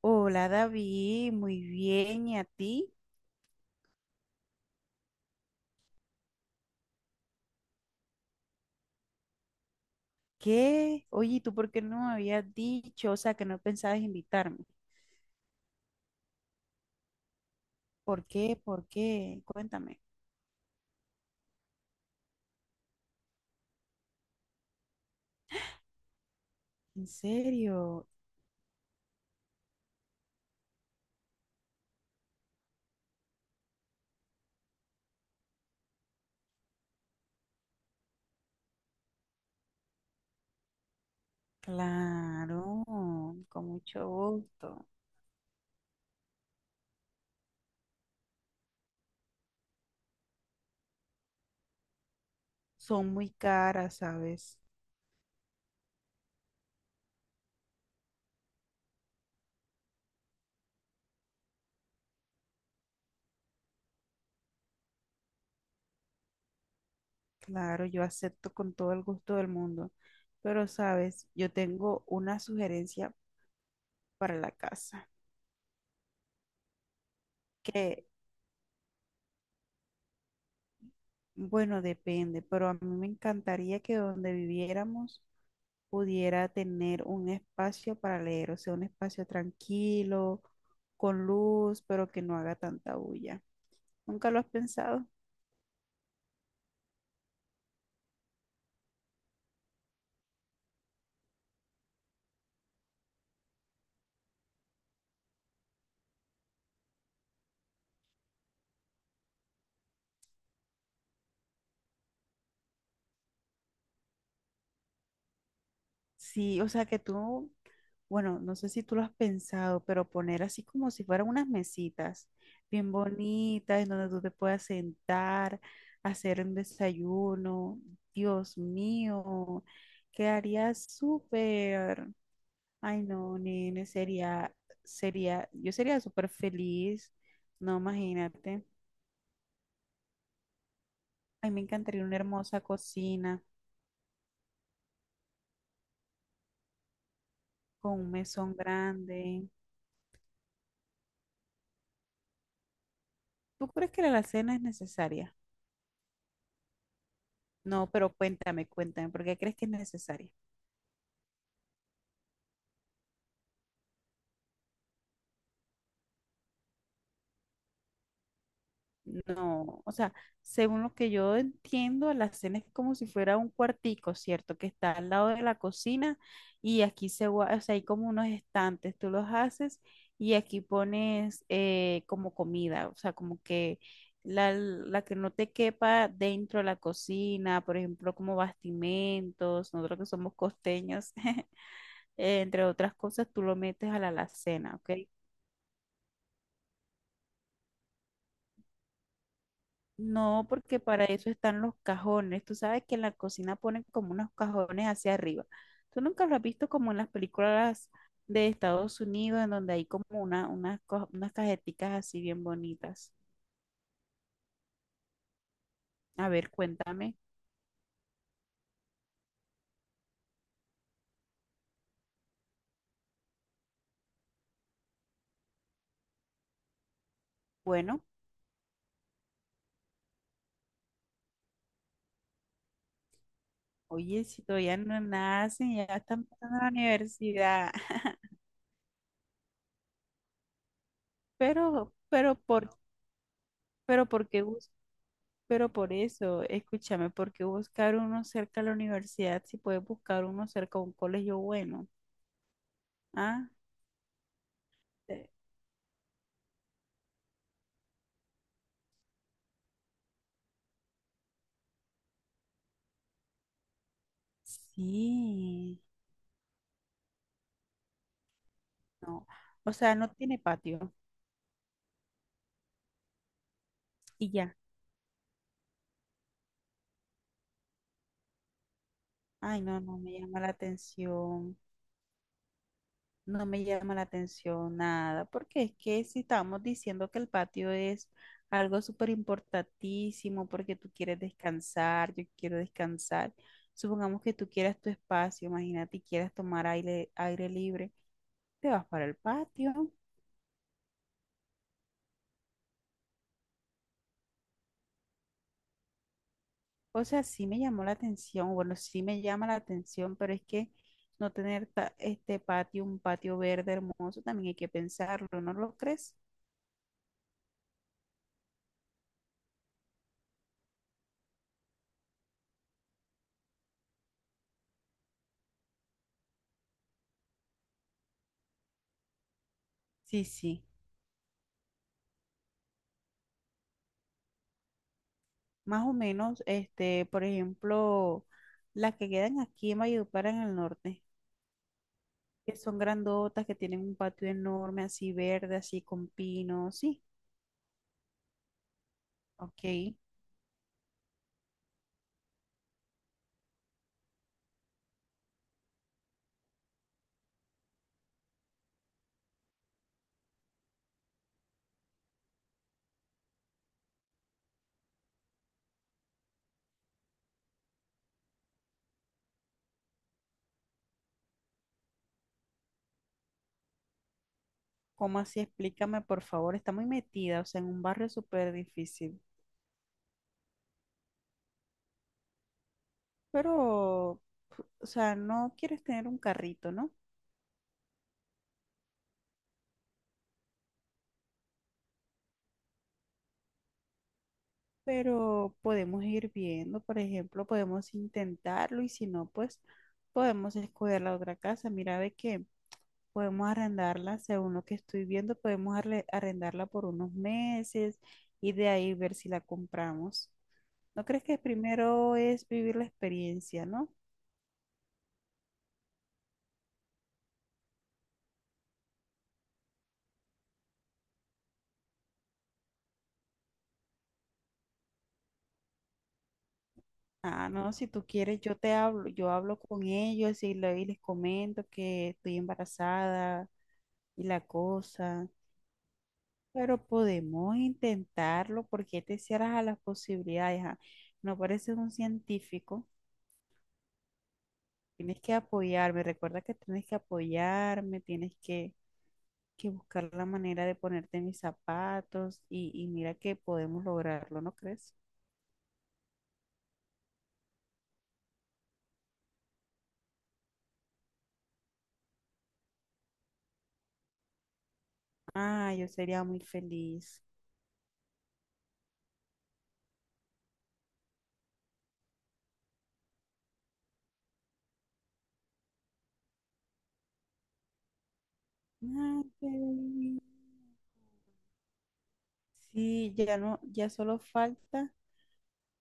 Hola David, muy bien. ¿Y a ti? ¿Qué? Oye, ¿y tú por qué no me habías dicho? O sea, que no pensabas invitarme. ¿Por qué? ¿Por qué? Cuéntame. ¿En serio? Claro, con mucho gusto. Son muy caras, ¿sabes? Claro, yo acepto con todo el gusto del mundo. Pero, ¿sabes? Yo tengo una sugerencia para la casa. Bueno, depende, pero a mí me encantaría que donde viviéramos pudiera tener un espacio para leer, o sea, un espacio tranquilo, con luz, pero que no haga tanta bulla. ¿Nunca lo has pensado? Sí, o sea que tú, bueno, no sé si tú lo has pensado, pero poner así como si fueran unas mesitas bien bonitas en donde tú te puedas sentar, hacer un desayuno. Dios mío, quedaría súper. Ay, no, nene, sería, sería, yo sería súper feliz. No, imagínate. Ay, me encantaría una hermosa cocina con un mesón grande. ¿Tú crees que la alacena es necesaria? No, pero cuéntame, cuéntame, ¿por qué crees que es necesaria? No, o sea, según lo que yo entiendo, la cena es como si fuera un cuartico, ¿cierto? Que está al lado de la cocina y aquí se, o sea, hay como unos estantes, tú los haces y aquí pones como comida, o sea, como que la que no te quepa dentro de la cocina, por ejemplo, como bastimentos, nosotros que somos costeños, entre otras cosas, tú lo metes a la alacena, ¿ok? No, porque para eso están los cajones. Tú sabes que en la cocina ponen como unos cajones hacia arriba. Tú nunca lo has visto como en las películas de Estados Unidos, en donde hay como una, unas, unas cajeticas así bien bonitas. A ver, cuéntame. Bueno, oye, si todavía no nacen, ya están pasando a la universidad. Pero, pero por, pero por qué bus- pero por eso, escúchame, ¿por qué buscar uno cerca a la universidad si puedes buscar uno cerca a un colegio bueno? ¿Ah? Sí, no. O sea, no tiene patio y ya. Ay, no, no me llama la atención. No me llama la atención nada, porque es que si estamos diciendo que el patio es algo súper importantísimo, porque tú quieres descansar, yo quiero descansar. Supongamos que tú quieras tu espacio, imagínate, y quieras tomar aire, aire libre, te vas para el patio. O sea, sí me llamó la atención, bueno, sí me llama la atención, pero es que no tener este patio, un patio verde hermoso, también hay que pensarlo, ¿no lo crees? Sí, sí, más o menos, este, por ejemplo, las que quedan aquí en Valledupar en el norte, que son grandotas, que tienen un patio enorme, así verde, así con pinos, sí, ok. ¿Cómo así? Explícame, por favor, está muy metida, o sea, en un barrio súper difícil, pero, o sea, no quieres tener un carrito, ¿no? Pero podemos ir viendo, por ejemplo, podemos intentarlo y si no, pues podemos escoger la otra casa. Mira, ve que podemos arrendarla, según lo que estoy viendo, podemos arrendarla por unos meses y de ahí ver si la compramos. ¿No crees que primero es vivir la experiencia, no? Ah, no, si tú quieres, yo te hablo, yo hablo con ellos y, y les comento que estoy embarazada y la cosa. Pero podemos intentarlo porque te cierras a las posibilidades. ¿Ah? No pareces un científico. Tienes que apoyarme. Recuerda que tienes que apoyarme, tienes que buscar la manera de ponerte en mis zapatos y mira que podemos lograrlo, ¿no crees? Ah, yo sería muy feliz. Ay, qué lindo. Sí, ya no, ya solo falta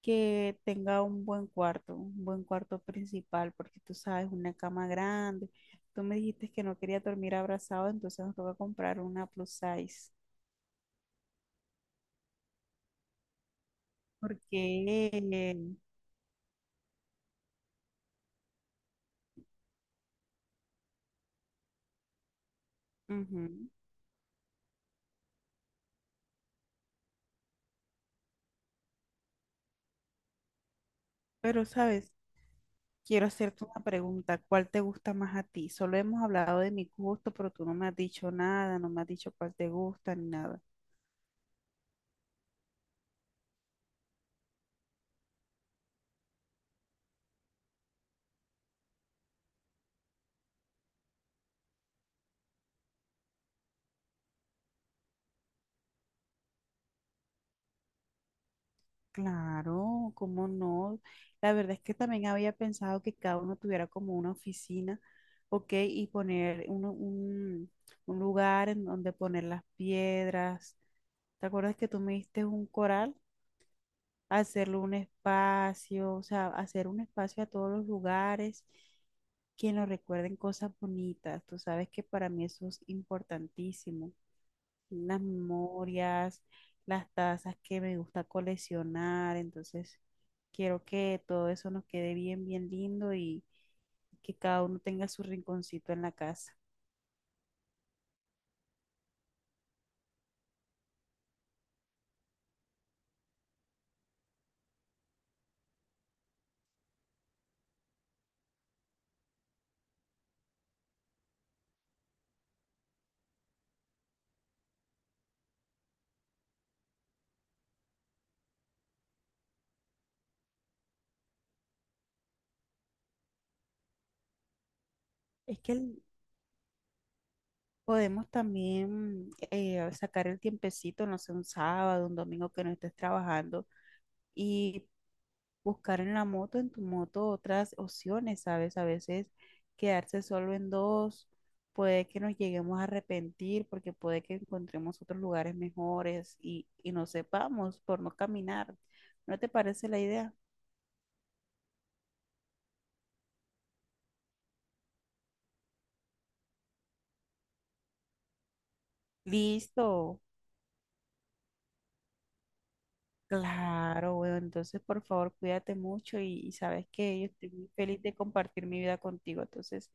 que tenga un buen cuarto principal, porque tú sabes, una cama grande. Tú me dijiste que no quería dormir abrazado, entonces nos toca comprar una plus size. Porque, ujú. Pero, ¿sabes? Quiero hacerte una pregunta. ¿Cuál te gusta más a ti? Solo hemos hablado de mi gusto, pero tú no me has dicho nada, no me has dicho cuál te gusta ni nada. Claro, cómo no. La verdad es que también había pensado que cada uno tuviera como una oficina, ok, y poner un lugar en donde poner las piedras. ¿Te acuerdas que tú me diste un coral? Hacerle un espacio, o sea, hacer un espacio a todos los lugares que nos recuerden cosas bonitas. Tú sabes que para mí eso es importantísimo, las memorias, las tazas que me gusta coleccionar, entonces quiero que todo eso nos quede bien, bien lindo y que cada uno tenga su rinconcito en la casa. Es que podemos también sacar el tiempecito, no sé, un sábado, un domingo que no estés trabajando y buscar en la moto, en tu moto, otras opciones, ¿sabes? A veces quedarse solo en dos, puede que nos lleguemos a arrepentir porque puede que encontremos otros lugares mejores y no sepamos por no caminar. ¿No te parece la idea? Listo. Claro, bueno, entonces por favor cuídate mucho y sabes que yo estoy muy feliz de compartir mi vida contigo. Entonces,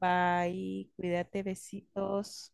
bye, cuídate, besitos.